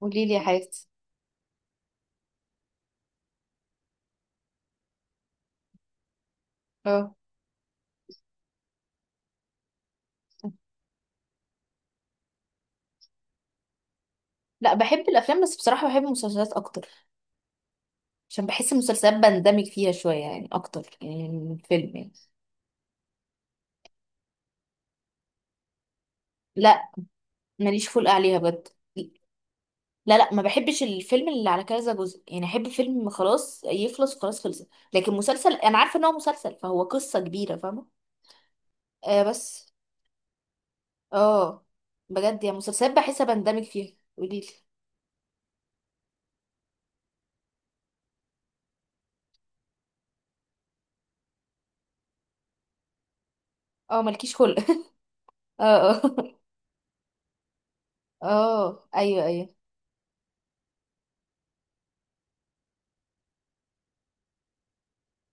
قولي لي يا حبيبتي. اه. لا، بحب الافلام بس بصراحه بحب المسلسلات اكتر، عشان بحس المسلسلات بندمج فيها شويه يعني اكتر يعني من الفيلم يعني. لا ماليش خلق عليها بجد. لا لا، ما بحبش الفيلم اللي على كذا جزء، يعني احب فيلم خلاص يخلص وخلاص خلص، لكن مسلسل انا عارفه ان هو مسلسل فهو قصه كبيره فاهمه. آه بس. اه. بجد يعني مسلسلات بحس بندمج فيها، قولي لي. اه مالكيش خلق اه اه. اه ايوه ايوه.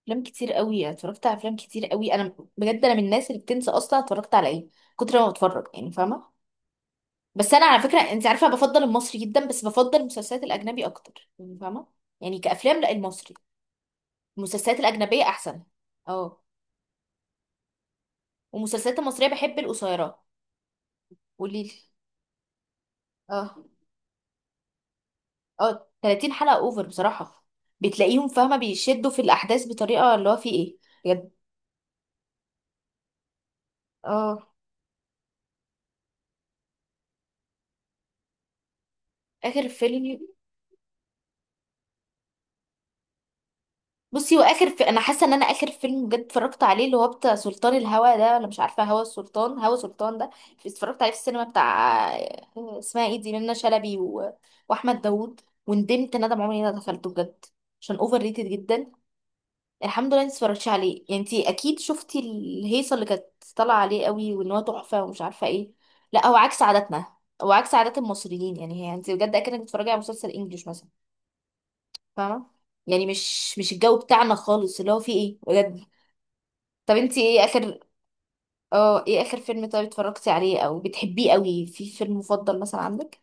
افلام كتير قوي، اتفرجت على افلام كتير قوي، انا بجد انا من الناس اللي بتنسى اصلا اتفرجت على ايه كتر ما بتفرج، يعني فاهمه. بس انا على فكره انت عارفه بفضل المصري جدا، بس بفضل المسلسلات الاجنبي اكتر، يعني فاهمه. يعني كافلام لا، المصري المسلسلات الاجنبيه احسن. اه. والمسلسلات المصريه بحب القصيره. قوليلي. اه اه، 30 حلقه اوفر بصراحه. بتلاقيهم فاهمه بيشدوا في الاحداث بطريقه اللي هو في ايه. بجد. اه. اخر فيلم. بصي، واخر انا حاسه ان انا اخر فيلم بجد اتفرجت عليه اللي هو بتاع سلطان الهوى ده، ولا مش عارفه هوى السلطان، هوى سلطان ده؟ اتفرجت عليه في السينما بتاع اسمها ايه دي، منى شلبي واحمد داوود. وندمت ندم عمري ما دخلته بجد، عشان اوفر ريتد جدا. الحمد لله انت اتفرجتش عليه، يعني انت اكيد شفتي الهيصه اللي كانت طالعه عليه قوي، وان هو تحفه ومش عارفه ايه. لا، هو عكس عاداتنا، هو عكس عادات المصريين، يعني هي انت بجد اكنك بتتفرجي على مسلسل انجليش مثلا. فاهمة. يعني مش الجو بتاعنا خالص اللي هو فيه ايه بجد. طب انتي ايه اخر، اه ايه اخر فيلم طيب اتفرجتي عليه، او بتحبيه قوي، في فيلم مفضل مثلا عندك؟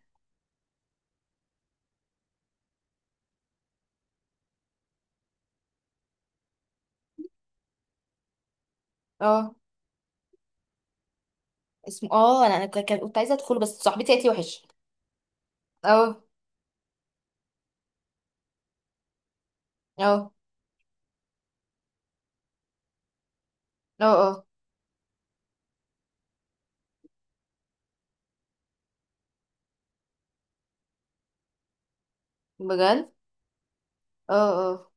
اه. اسمه، انا كنت عايزه ادخله، بس صاحبتي قالت لي وحش. اه اه اه اه، بجد. اه اه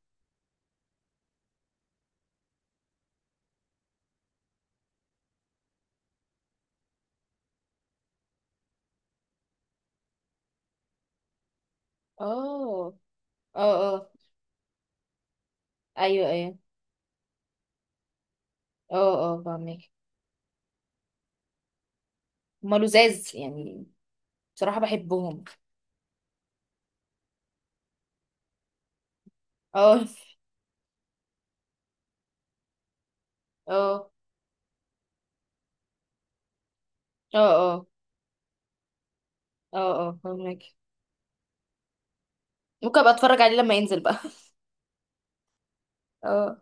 اه اه اه، ايوه ايوه. اه اه فاهمك. هما لزاز يعني. بصراحه بحبهم. اه اه اه اه اه اه فاهمك. ممكن ابقى اتفرج عليه لما ينزل بقى. اه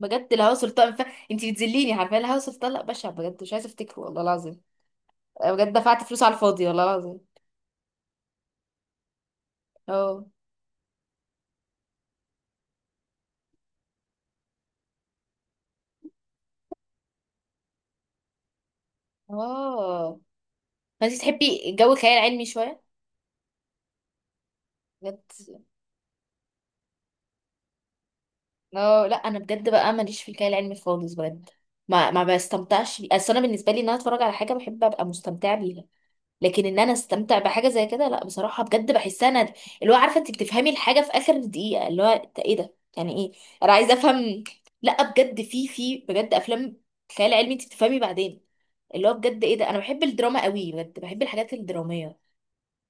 بجد، الهوا سلطان انت بتذليني، عارفه الهوا سلطان، لا، بشع بجد، مش عايزه افتكره والله العظيم. أنا بجد دفعت فلوس على الفاضي والله العظيم. اه اه. فانت تحبي جو خيال علمي شويه؟ بجد. اه، لا انا بجد بقى ماليش في الخيال العلمي خالص بجد. ما بستمتعش بيه، اصل انا بالنسبه لي ان انا اتفرج على حاجه بحب ابقى مستمتعه بيها. لكن ان انا استمتع بحاجه زي كده، لا بصراحه بجد بحسها ند. اللي هو عارفه انت بتفهمي الحاجه في اخر دقيقه، اللي هو إنت ايه ده، يعني ايه؟ انا عايزه افهم. لا بجد، في بجد افلام خيال علمي انت بتفهمي بعدين. اللي هو بجد ايه ده. انا بحب الدراما قوي بجد، بحب الحاجات الدراميه.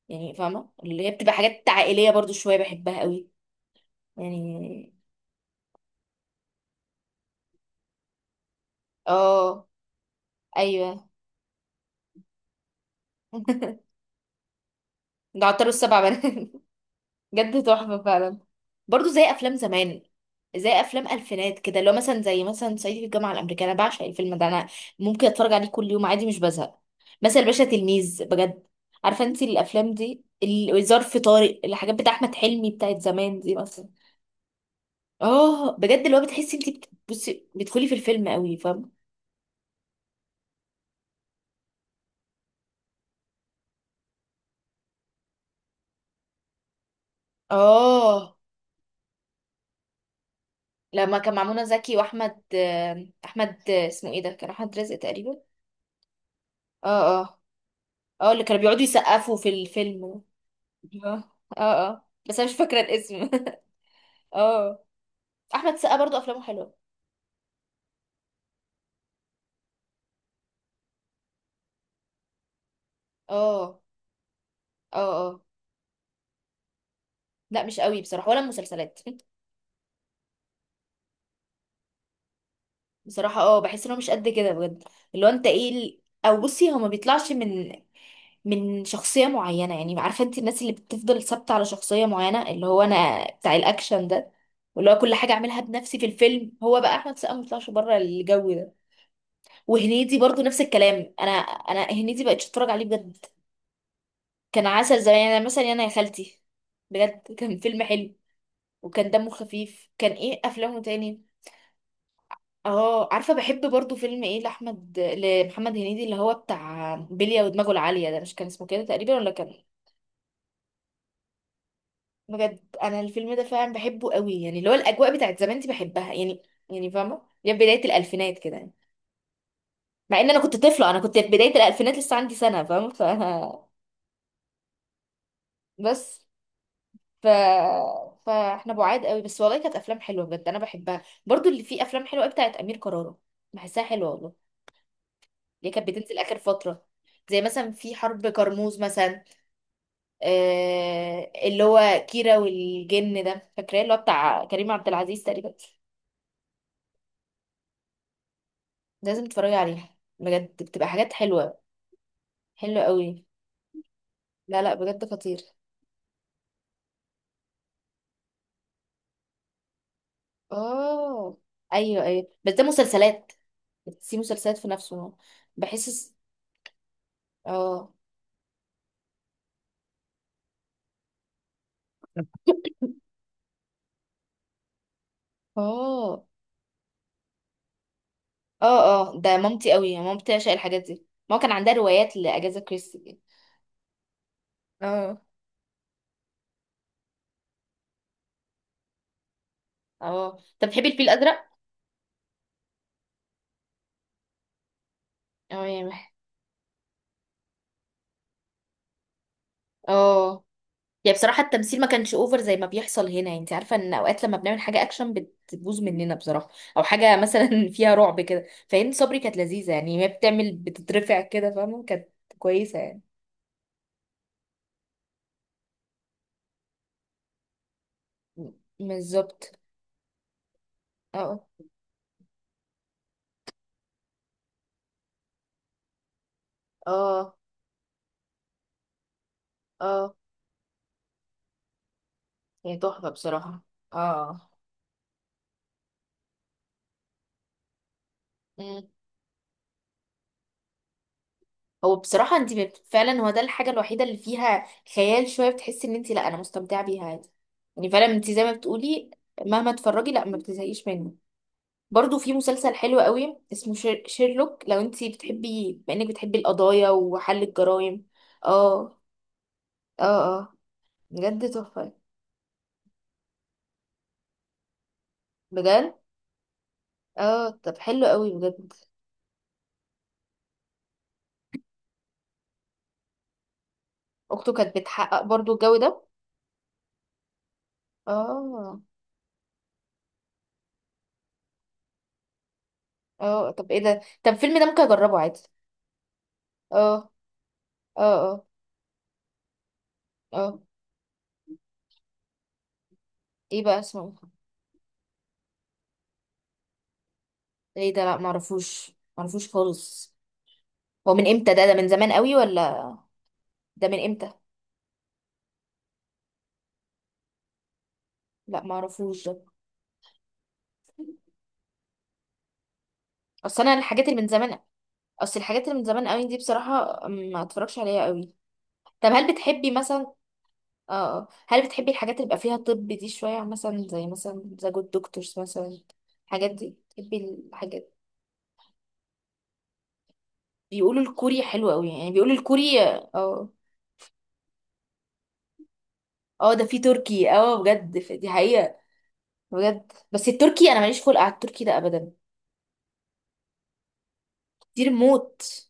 يعني فاهمه اللي هي بتبقى حاجات عائليه برضو شويه بحبها قوي، يعني. اه ايوه جعلتله السبع بنات. جد تحفة فعلا. برضو زي أفلام زمان، زي أفلام ألفينات كده، لو مثلا زي مثلا صعيدي في الجامعة الأمريكية، أنا بعشق الفيلم ده، أنا ممكن أتفرج عليه كل يوم عادي مش بزهق. مثلا الباشا تلميذ بجد، عارفة أنت الأفلام دي، ظرف طارق، الحاجات بتاع أحمد حلمي بتاعت زمان دي مثلا. اه بجد، اللي هو بتحسي أنت بصي بتدخلي في الفيلم قوي فاهم. اه، لما كان مع منى زكي، وأحمد أحمد اسمه إيه ده، كان أحمد رزق تقريبا. اه اه اه، اللي كانوا بيقعدوا يسقفوا في الفيلم. اه اه، آه، بس انا مش فاكره الاسم اه. احمد السقا برضو افلامه حلوه. اه اه اه، لا مش قوي بصراحه، ولا المسلسلات. بصراحه اه، بحس انه مش قد كده بجد، اللي هو انت ايه او بصي، هو ما بيطلعش من شخصيه معينه، يعني عارفه انت الناس اللي بتفضل ثابته على شخصيه معينه، اللي هو انا بتاع الاكشن ده، واللي هو كل حاجه اعملها بنفسي في الفيلم، هو بقى احمد السقا ما بيطلعش بره الجو ده. وهنيدي برضو نفس الكلام، انا هنيدي بقتش اتفرج عليه بجد. كان عسل زمان، يعني مثلا انا يا خالتي بجد كان فيلم حلو، وكان دمه خفيف، كان ايه افلامه تاني. اه، عارفه بحب برضو فيلم ايه لاحمد، لمحمد هنيدي اللي هو بتاع بلية ودماغه العاليه ده، مش كان اسمه كده تقريبا ولا كان؟ بجد انا الفيلم ده فعلا بحبه قوي، يعني اللي هو الاجواء بتاعت زمان دي بحبها يعني. يعني فاهمه يا بدايه الالفينات كده يعني. مع ان انا كنت طفله، انا كنت في بدايه الالفينات لسه عندي سنه فاهمه، ف بس ف... فاحنا بعاد قوي، بس والله كانت افلام حلوه بجد، انا بحبها، برضو اللي فيه افلام حلوه قوي بتاعت امير كرارة، بحسها حلوه والله، اللي كانت بتنزل اخر فتره، زي مثلا في حرب كرموز مثلا. اللي هو كيرة والجن ده، فاكراه، اللي هو بتاع كريم عبد العزيز تقريبا. لازم تتفرجي عليها بجد، بتبقى حاجات حلوه، حلوه قوي. لا لا، بجد خطير. اه ايوه ايوه، بس ده مسلسلات، بس في مسلسلات في نفسه بحس. اه اه اه اه، ده مامتي قوي، مامتي عشان الحاجات دي ما كان عندها روايات لاجازا كريستي كده. اه اه. طب بتحبي الفيل الازرق؟ اه يا اه، يعني بصراحه التمثيل ما كانش اوفر زي ما بيحصل هنا، انت عارفه ان اوقات لما بنعمل حاجه اكشن بتبوظ مننا بصراحه، او حاجه مثلا فيها رعب كده، فهند صبري كانت لذيذه، يعني هي بتعمل بتترفع كده فاهمه، كانت كويسه يعني. م- بالظبط. اه اه اه، هي تحفه بصراحه. اه. هو بصراحة انت فعلا، هو ده الحاجة الوحيدة اللي فيها خيال شوية، بتحسي ان انت لا، انا مستمتعة بيها عادي. يعني فعلا انت زي ما بتقولي، مهما تتفرجي لا ما بتزهقيش منه. برضو في مسلسل حلو قوي اسمه شيرلوك، لو انت بتحبي، بما انك بتحبي القضايا وحل الجرائم. اه اه اه، بجد تحفة، بجد. اه طب حلو قوي بجد. اخته كانت بتحقق برضو الجو ده. اه اه، طب ايه ده، طب الفيلم ده ممكن اجربه عادي. اه اه اه اه. ايه بقى اسمه؟ ايه ده، لا معرفوش، معرفوش خالص. هو من امتى ده، ده من زمان قوي ولا؟ ده من امتى؟ لا معرفوش ده. اصل انا الحاجات اللي من زمان، اصل الحاجات اللي من زمان قوي دي بصراحة ما اتفرجش عليها قوي. طب هل بتحبي مثلا، اه آه، هل بتحبي الحاجات اللي بيبقى فيها طب دي شوية، مثلا زي مثلا ذا جود دكتورز مثلا؟ الحاجات دي بتحبي؟ الحاجات. بيقولوا الكوري حلو قوي، يعني بيقولوا الكوري، اه. اه ده في تركي، اه بجد دي حقيقة. بجد بس التركي انا ماليش خلق على التركي ده ابدا. كتير موت.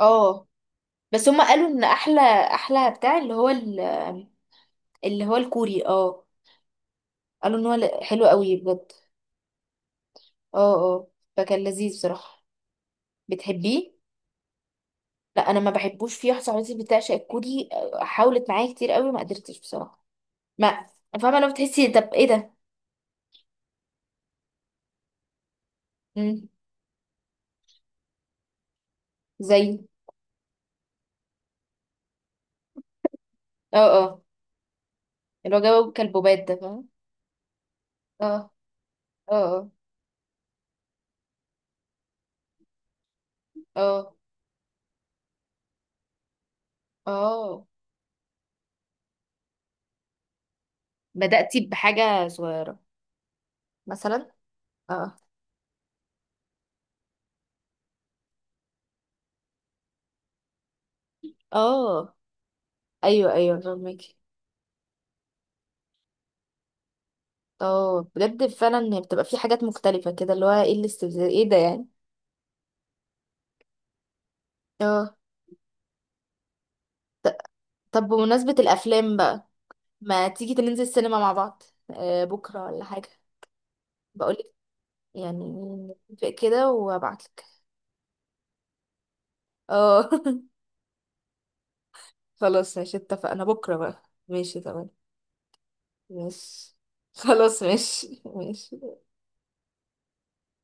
اه بس هم قالوا ان احلى، احلى بتاع اللي هو اللي هو الكوري اه. قالوا ان هو حلو قوي بجد. اه اه. فكان لذيذ بصراحة. بتحبيه. لا انا ما بحبوش، في واحده صاحبتي بتعشق الكوري حاولت معايا كتير قوي ما قدرتش بصراحة، ما فاهمة لو بتحسي طب ايه ده. مم. زي، اه اه اللي هو جو كلبوبات ده فاهمة. اه اه اه اه اه، بدأتي بحاجة صغيرة مثلا. اه اه ايوه ايوه فاهمك. اه بجد فعلا، هي بتبقى في حاجات مختلفة كده، اللي هو ايه الاستفزاز ايه ده يعني. اه ط- طب بمناسبة الأفلام بقى، ما تيجي ننزل السينما مع بعض؟ آه، بكرة ولا حاجة؟ بقولك يعني نتفق كده وابعتلك. اه خلاص ماشي، اتفقنا بكرة بقى. ماشي تمام. ماشي. خلاص ماشي ماشي.